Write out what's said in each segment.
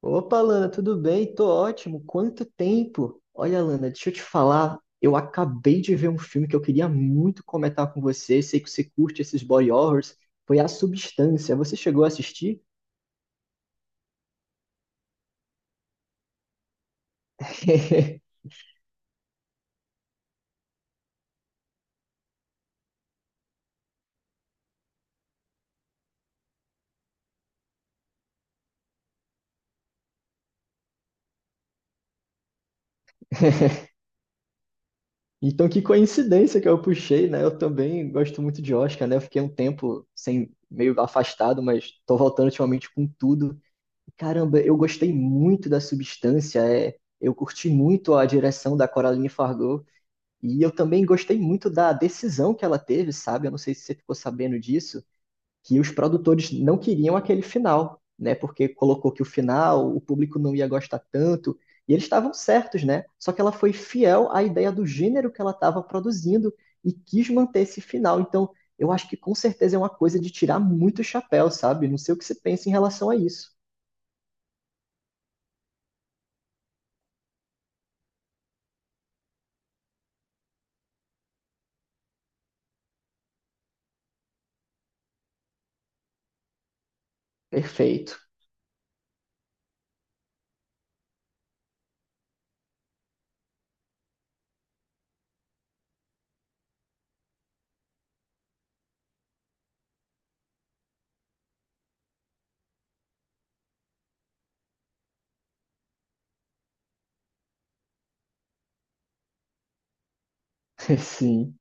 Opa, Lana, tudo bem? Tô ótimo. Quanto tempo? Olha, Lana, deixa eu te falar. Eu acabei de ver um filme que eu queria muito comentar com você. Sei que você curte esses body horrors. Foi A Substância. Você chegou a assistir? Então, que coincidência que eu puxei, né? Eu também gosto muito de Oscar, né? Eu fiquei um tempo sem, meio afastado, mas tô voltando ultimamente com tudo. Caramba, eu gostei muito da substância, eu curti muito a direção da Coraline Fargo. E eu também gostei muito da decisão que ela teve, sabe? Eu não sei se você ficou sabendo disso, que os produtores não queriam aquele final, né? Porque colocou que o final, o público não ia gostar tanto, e eles estavam certos, né? Só que ela foi fiel à ideia do gênero que ela estava produzindo e quis manter esse final. Então, eu acho que com certeza é uma coisa de tirar muito chapéu, sabe? Não sei o que você pensa em relação a isso. Perfeito. Sim.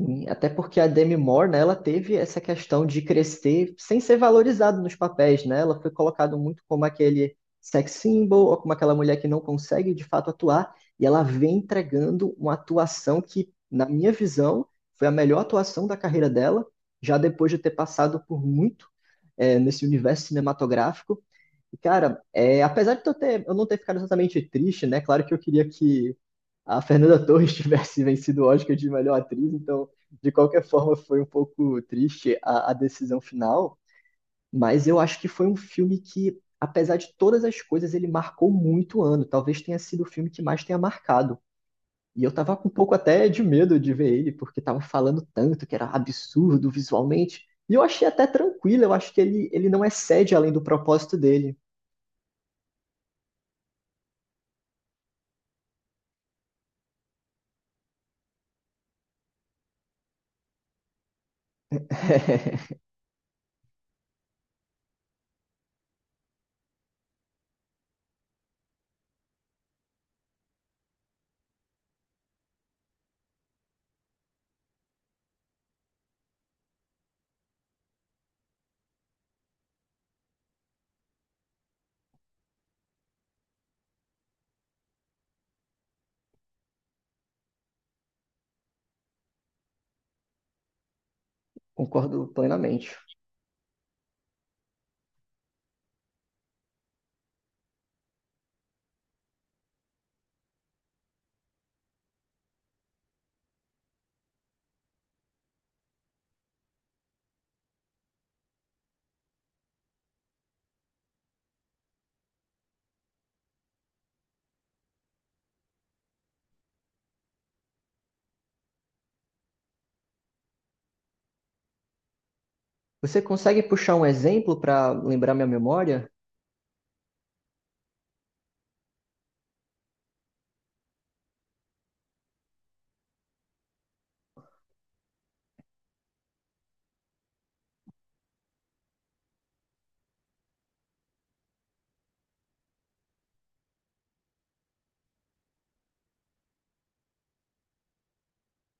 Sim, até porque a Demi Moore, né, ela teve essa questão de crescer sem ser valorizada nos papéis, né? Ela foi colocada muito como aquele sex symbol, ou como aquela mulher que não consegue de fato atuar, e ela vem entregando uma atuação que, na minha visão, foi a melhor atuação da carreira dela, já depois de ter passado por muito, nesse universo cinematográfico. E, cara, apesar de eu não ter ficado exatamente triste, né? Claro que eu queria que a Fernanda Torres tivesse vencido o Oscar de melhor atriz, então de qualquer forma, foi um pouco triste a decisão final, mas eu acho que foi um filme que, apesar de todas as coisas, ele marcou muito o ano. Talvez tenha sido o filme que mais tenha marcado. E eu tava com um pouco até de medo de ver ele, porque tava falando tanto que era absurdo visualmente. E eu achei até tranquilo, eu acho que ele não excede além do propósito dele. Concordo plenamente. Você consegue puxar um exemplo para lembrar minha memória?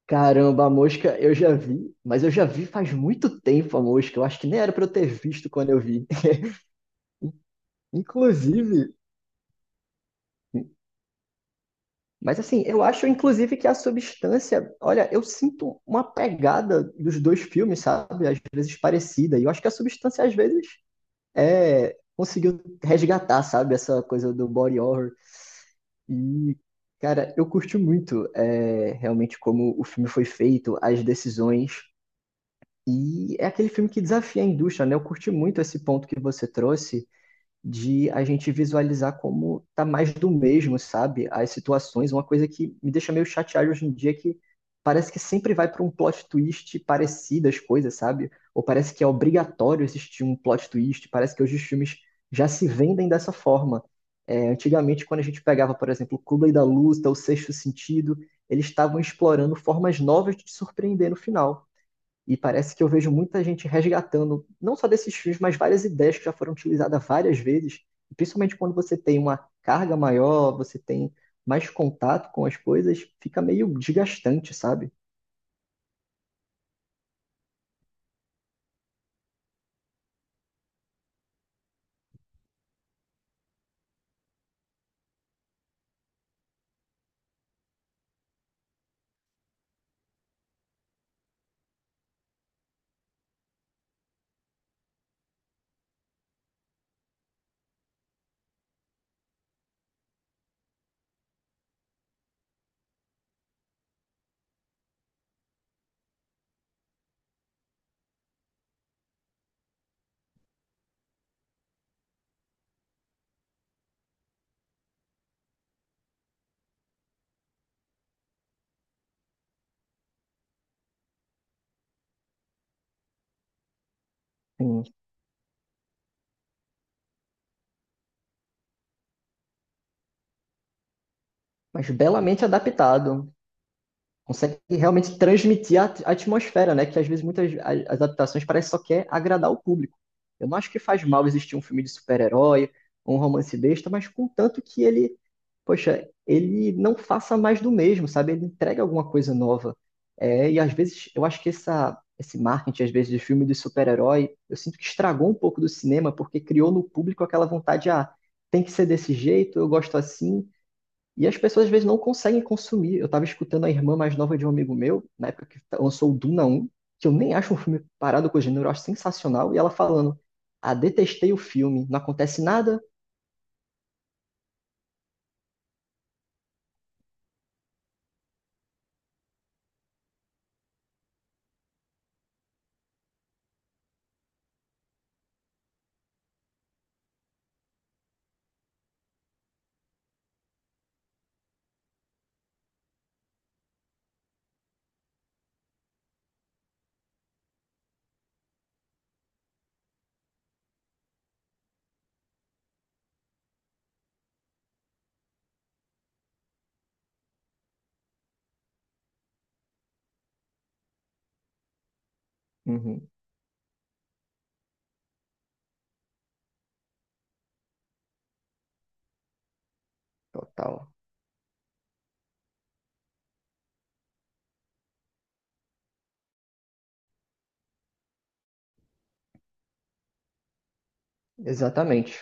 Caramba, A Mosca eu já vi, mas eu já vi faz muito tempo A Mosca. Eu acho que nem era pra eu ter visto quando eu vi. Inclusive, mas assim, eu acho inclusive que a substância, olha, eu sinto uma pegada dos dois filmes, sabe? Às vezes parecida. E eu acho que a substância às vezes conseguiu resgatar, sabe? Essa coisa do body horror. E cara, eu curti muito realmente como o filme foi feito, as decisões. E é aquele filme que desafia a indústria, né? Eu curti muito esse ponto que você trouxe de a gente visualizar como tá mais do mesmo, sabe? As situações, uma coisa que me deixa meio chateado hoje em dia é que parece que sempre vai para um plot twist parecido as coisas, sabe? Ou parece que é obrigatório existir um plot twist, parece que hoje os filmes já se vendem dessa forma. É, antigamente, quando a gente pegava, por exemplo, Clube da Luta, O Sexto Sentido, eles estavam explorando formas novas de te surpreender no final. E parece que eu vejo muita gente resgatando, não só desses filmes, mas várias ideias que já foram utilizadas várias vezes. Principalmente quando você tem uma carga maior, você tem mais contato com as coisas, fica meio desgastante, sabe? Sim. Mas belamente adaptado. Consegue realmente transmitir a atmosfera, né? Que às vezes muitas as adaptações parece só quer agradar o público. Eu não acho que faz mal existir um filme de super-herói, um romance besta, mas contanto que ele, poxa, ele não faça mais do mesmo, sabe? Ele entrega alguma coisa nova. É, e às vezes eu acho que esse marketing, às vezes, de filme de super-herói, eu sinto que estragou um pouco do cinema, porque criou no público aquela vontade, ah, tem que ser desse jeito, eu gosto assim. E as pessoas às vezes não conseguem consumir. Eu estava escutando a irmã mais nova de um amigo meu, na época que lançou o Duna um que eu nem acho um filme parado com o gênero, eu acho sensacional, e ela falando: Ah, detestei o filme, não acontece nada. Uhum. Total. Exatamente.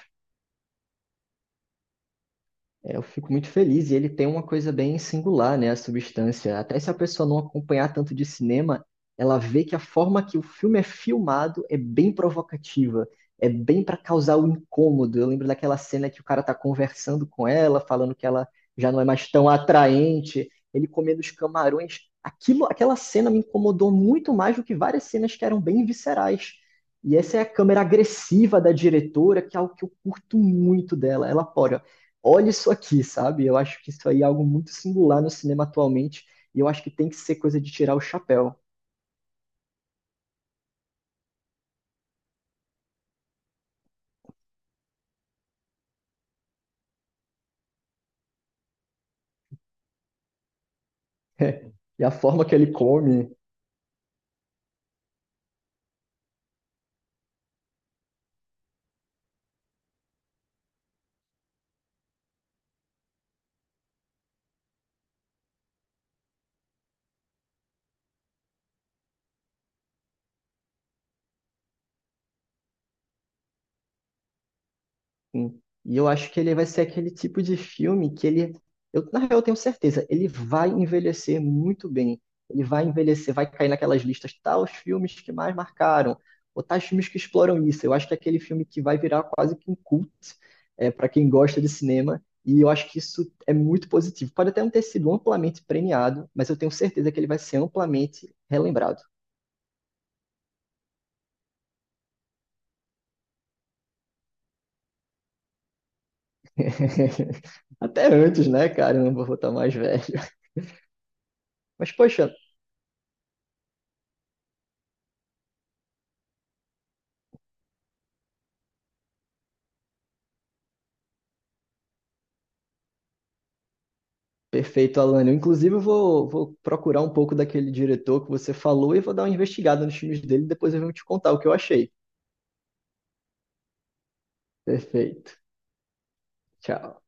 É, eu fico muito feliz. E ele tem uma coisa bem singular, né? A substância. Até se a pessoa não acompanhar tanto de cinema, ela vê que a forma que o filme é filmado é bem provocativa. É bem para causar o incômodo. Eu lembro daquela cena que o cara tá conversando com ela, falando que ela já não é mais tão atraente, ele comendo os camarões. Aquilo, aquela cena me incomodou muito mais do que várias cenas que eram bem viscerais. E essa é a câmera agressiva da diretora, que é algo que eu curto muito dela. Ela pode, olha isso aqui, sabe? Eu acho que isso aí é algo muito singular no cinema atualmente, e eu acho que tem que ser coisa de tirar o chapéu. E a forma que ele come. Sim. E eu acho que ele vai ser aquele tipo de filme que eu, na real, eu tenho certeza, ele vai envelhecer muito bem. Ele vai envelhecer, vai cair naquelas listas, tais filmes que mais marcaram, ou tais filmes que exploram isso. Eu acho que é aquele filme que vai virar quase que um cult, para quem gosta de cinema, e eu acho que isso é muito positivo. Pode até não ter sido amplamente premiado, mas eu tenho certeza que ele vai ser amplamente relembrado. Até antes, né, cara? Eu não vou botar mais velho. Mas, poxa, perfeito, Alane. Inclusive, eu vou procurar um pouco daquele diretor que você falou e vou dar uma investigada nos filmes dele e depois eu vou te contar o que eu achei. Perfeito. Tchau.